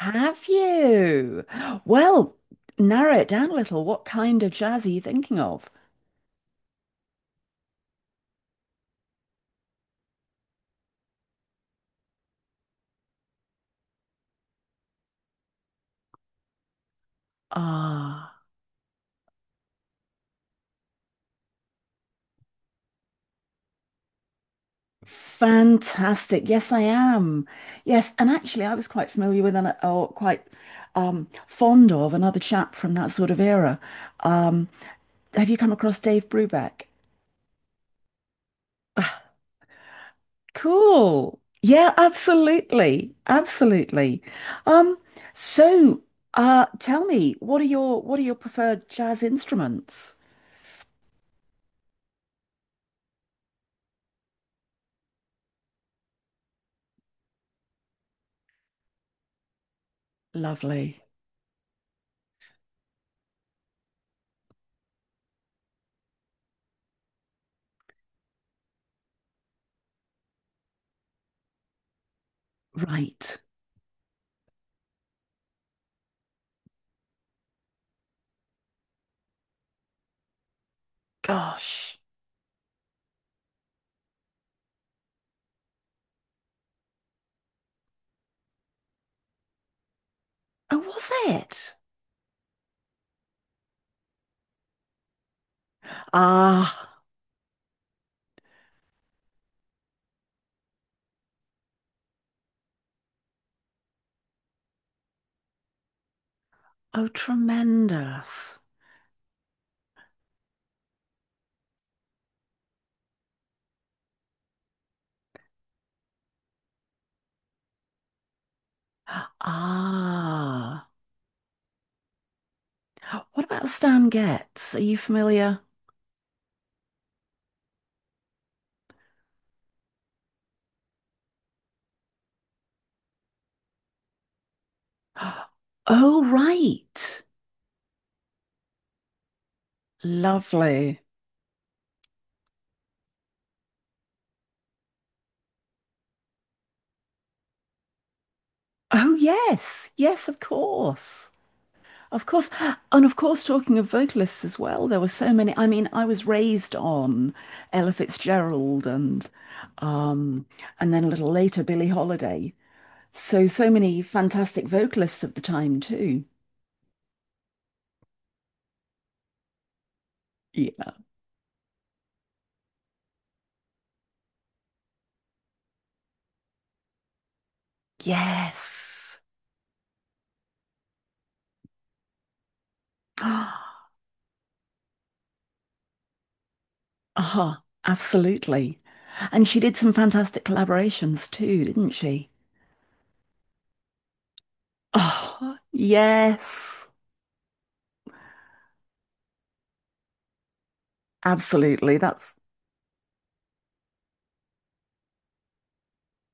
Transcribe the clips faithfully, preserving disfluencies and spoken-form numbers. Have you? Well, narrow it down a little. What kind of jazz are you thinking of? Ah, fantastic. Yes, I am. Yes, and actually, I was quite familiar with and or quite um, fond of another chap from that sort of era. Um, have you come across Dave Brubeck? Cool. Yeah, absolutely. Absolutely. Um, so uh tell me, what are your what are your preferred jazz instruments? Lovely. Right. Gosh. Oh, was it? Ah. Oh, tremendous. Ah. What about Stan Getz? Are you familiar? Oh, right. Lovely. Oh, yes. Yes, of course. Of course. And of course, talking of vocalists as well, there were so many. I mean, I was raised on Ella Fitzgerald and um and then a little later Billie Holiday. So so many fantastic vocalists of the time too. Yeah. Yes. Uh-huh. Absolutely. And she did some fantastic collaborations too, didn't she? Oh, yes. Absolutely. That's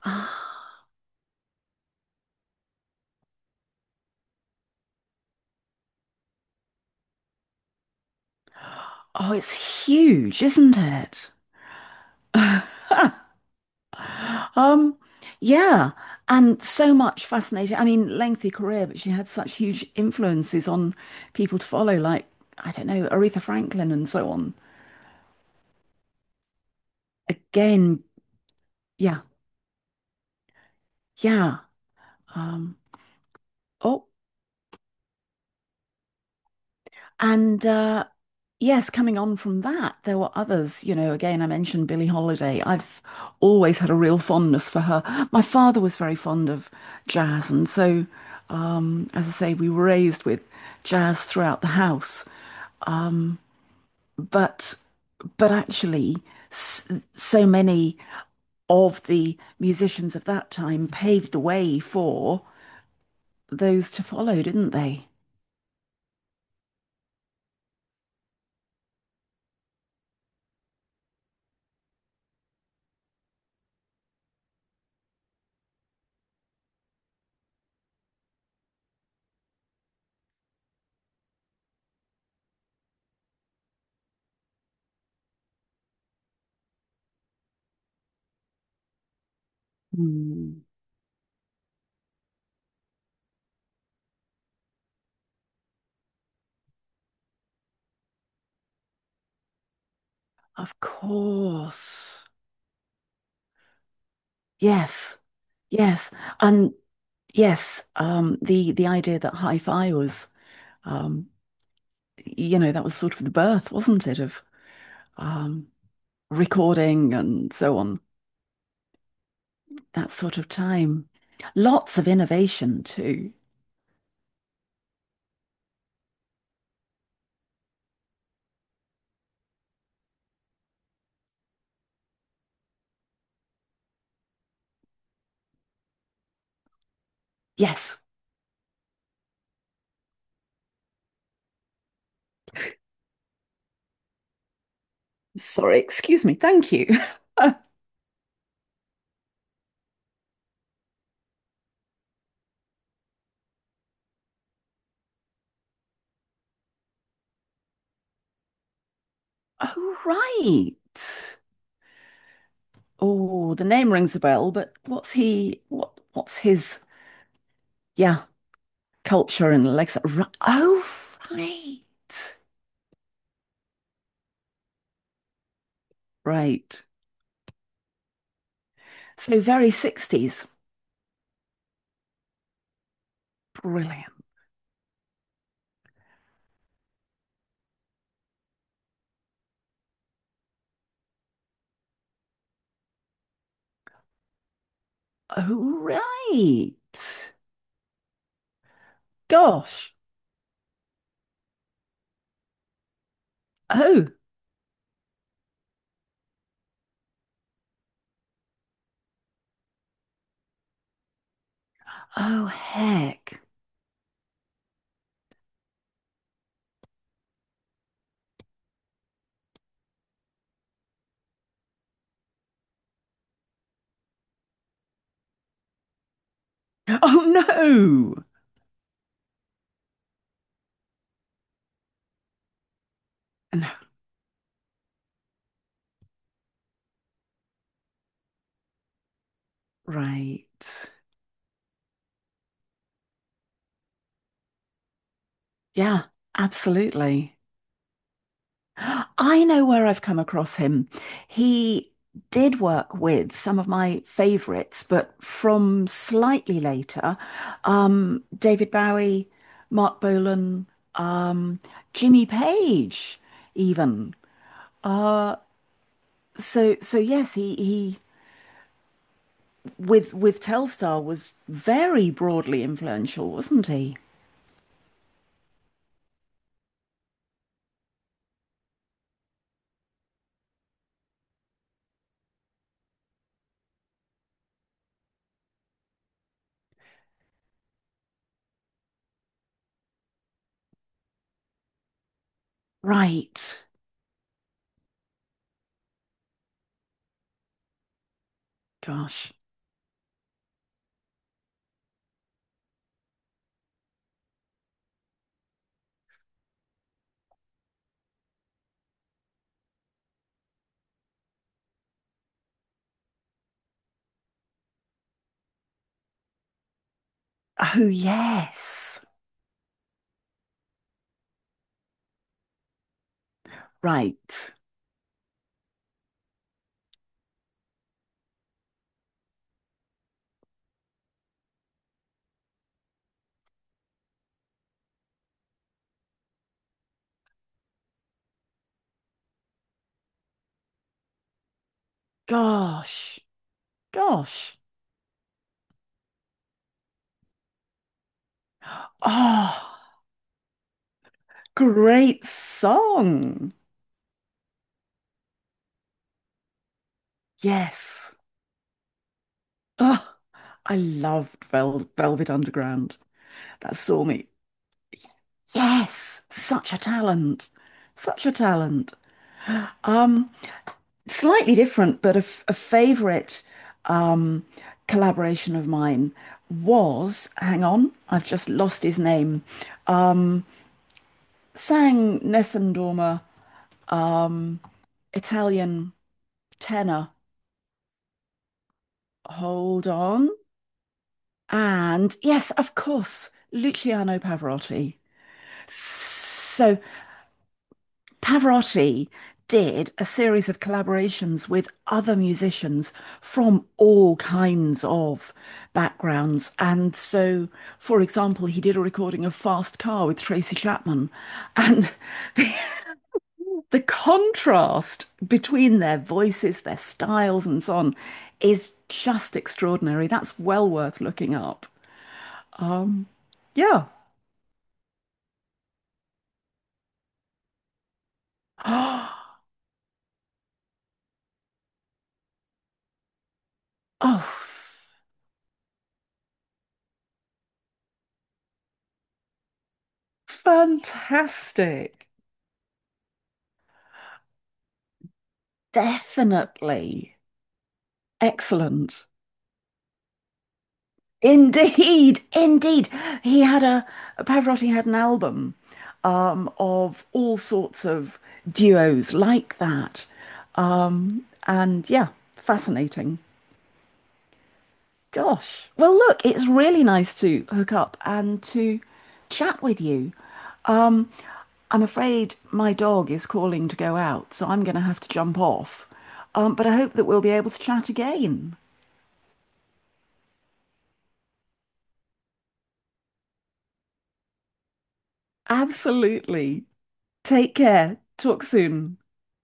ah, oh, it's huge, isn't it? Um, yeah. And so much fascinating. I mean, lengthy career, but she had such huge influences on people to follow, like, I don't know, Aretha Franklin and so on. Again, yeah, yeah. Um, oh. And uh, Yes, coming on from that, there were others. You know, again, I mentioned Billie Holiday. I've always had a real fondness for her. My father was very fond of jazz, and so, um, as I say, we were raised with jazz throughout the house. Um, but but actually, s so many of the musicians of that time paved the way for those to follow, didn't they? Hmm. Of course. Yes. Yes, and yes, um, the the idea that hi-fi was, um, you know, that was sort of the birth, wasn't it, of um, recording and so on, that sort of time. Lots of innovation too. Yes. Sorry, excuse me. Thank you. Oh, right. Oh, the name rings a bell, but what's he, what, what's his, yeah, culture and legs? ri- Oh, right. Right. So very sixties. Brilliant. Oh, right. Gosh. Oh, oh, heck. Oh, no. No. Right. Yeah, absolutely. I know where I've come across him. He did work with some of my favorites, but from slightly later, um, David Bowie, Mark Bolan, um, Jimmy Page, even. Uh, so so yes, he he with with Telstar was very broadly influential, wasn't he? Right. Gosh. Oh yes. Right. Gosh. Gosh. Oh. Great song. Yes. Oh, I loved Vel Velvet Underground. That saw me. Yes, such a talent. Such a talent. Um, Slightly different, but a, f- a favorite um collaboration of mine was, hang on, I've just lost his name. Um, Sang Nessun Dorma, um, Italian tenor. Hold on. And yes, of course, Luciano Pavarotti. So Pavarotti did a series of collaborations with other musicians from all kinds of backgrounds. And so, for example, he did a recording of Fast Car with Tracy Chapman. And the, the contrast between their voices, their styles, and so on is just extraordinary. That's well worth looking up. Um, yeah. Oh, fantastic. Definitely. Excellent. Indeed, indeed. He had a, Pavarotti had an album um, of all sorts of duos like that. Um, and yeah, fascinating. Gosh. Well, look, it's really nice to hook up and to chat with you. Um, I'm afraid my dog is calling to go out, so I'm going to have to jump off. Um, but I hope that we'll be able to chat again. Absolutely. Take care. Talk soon.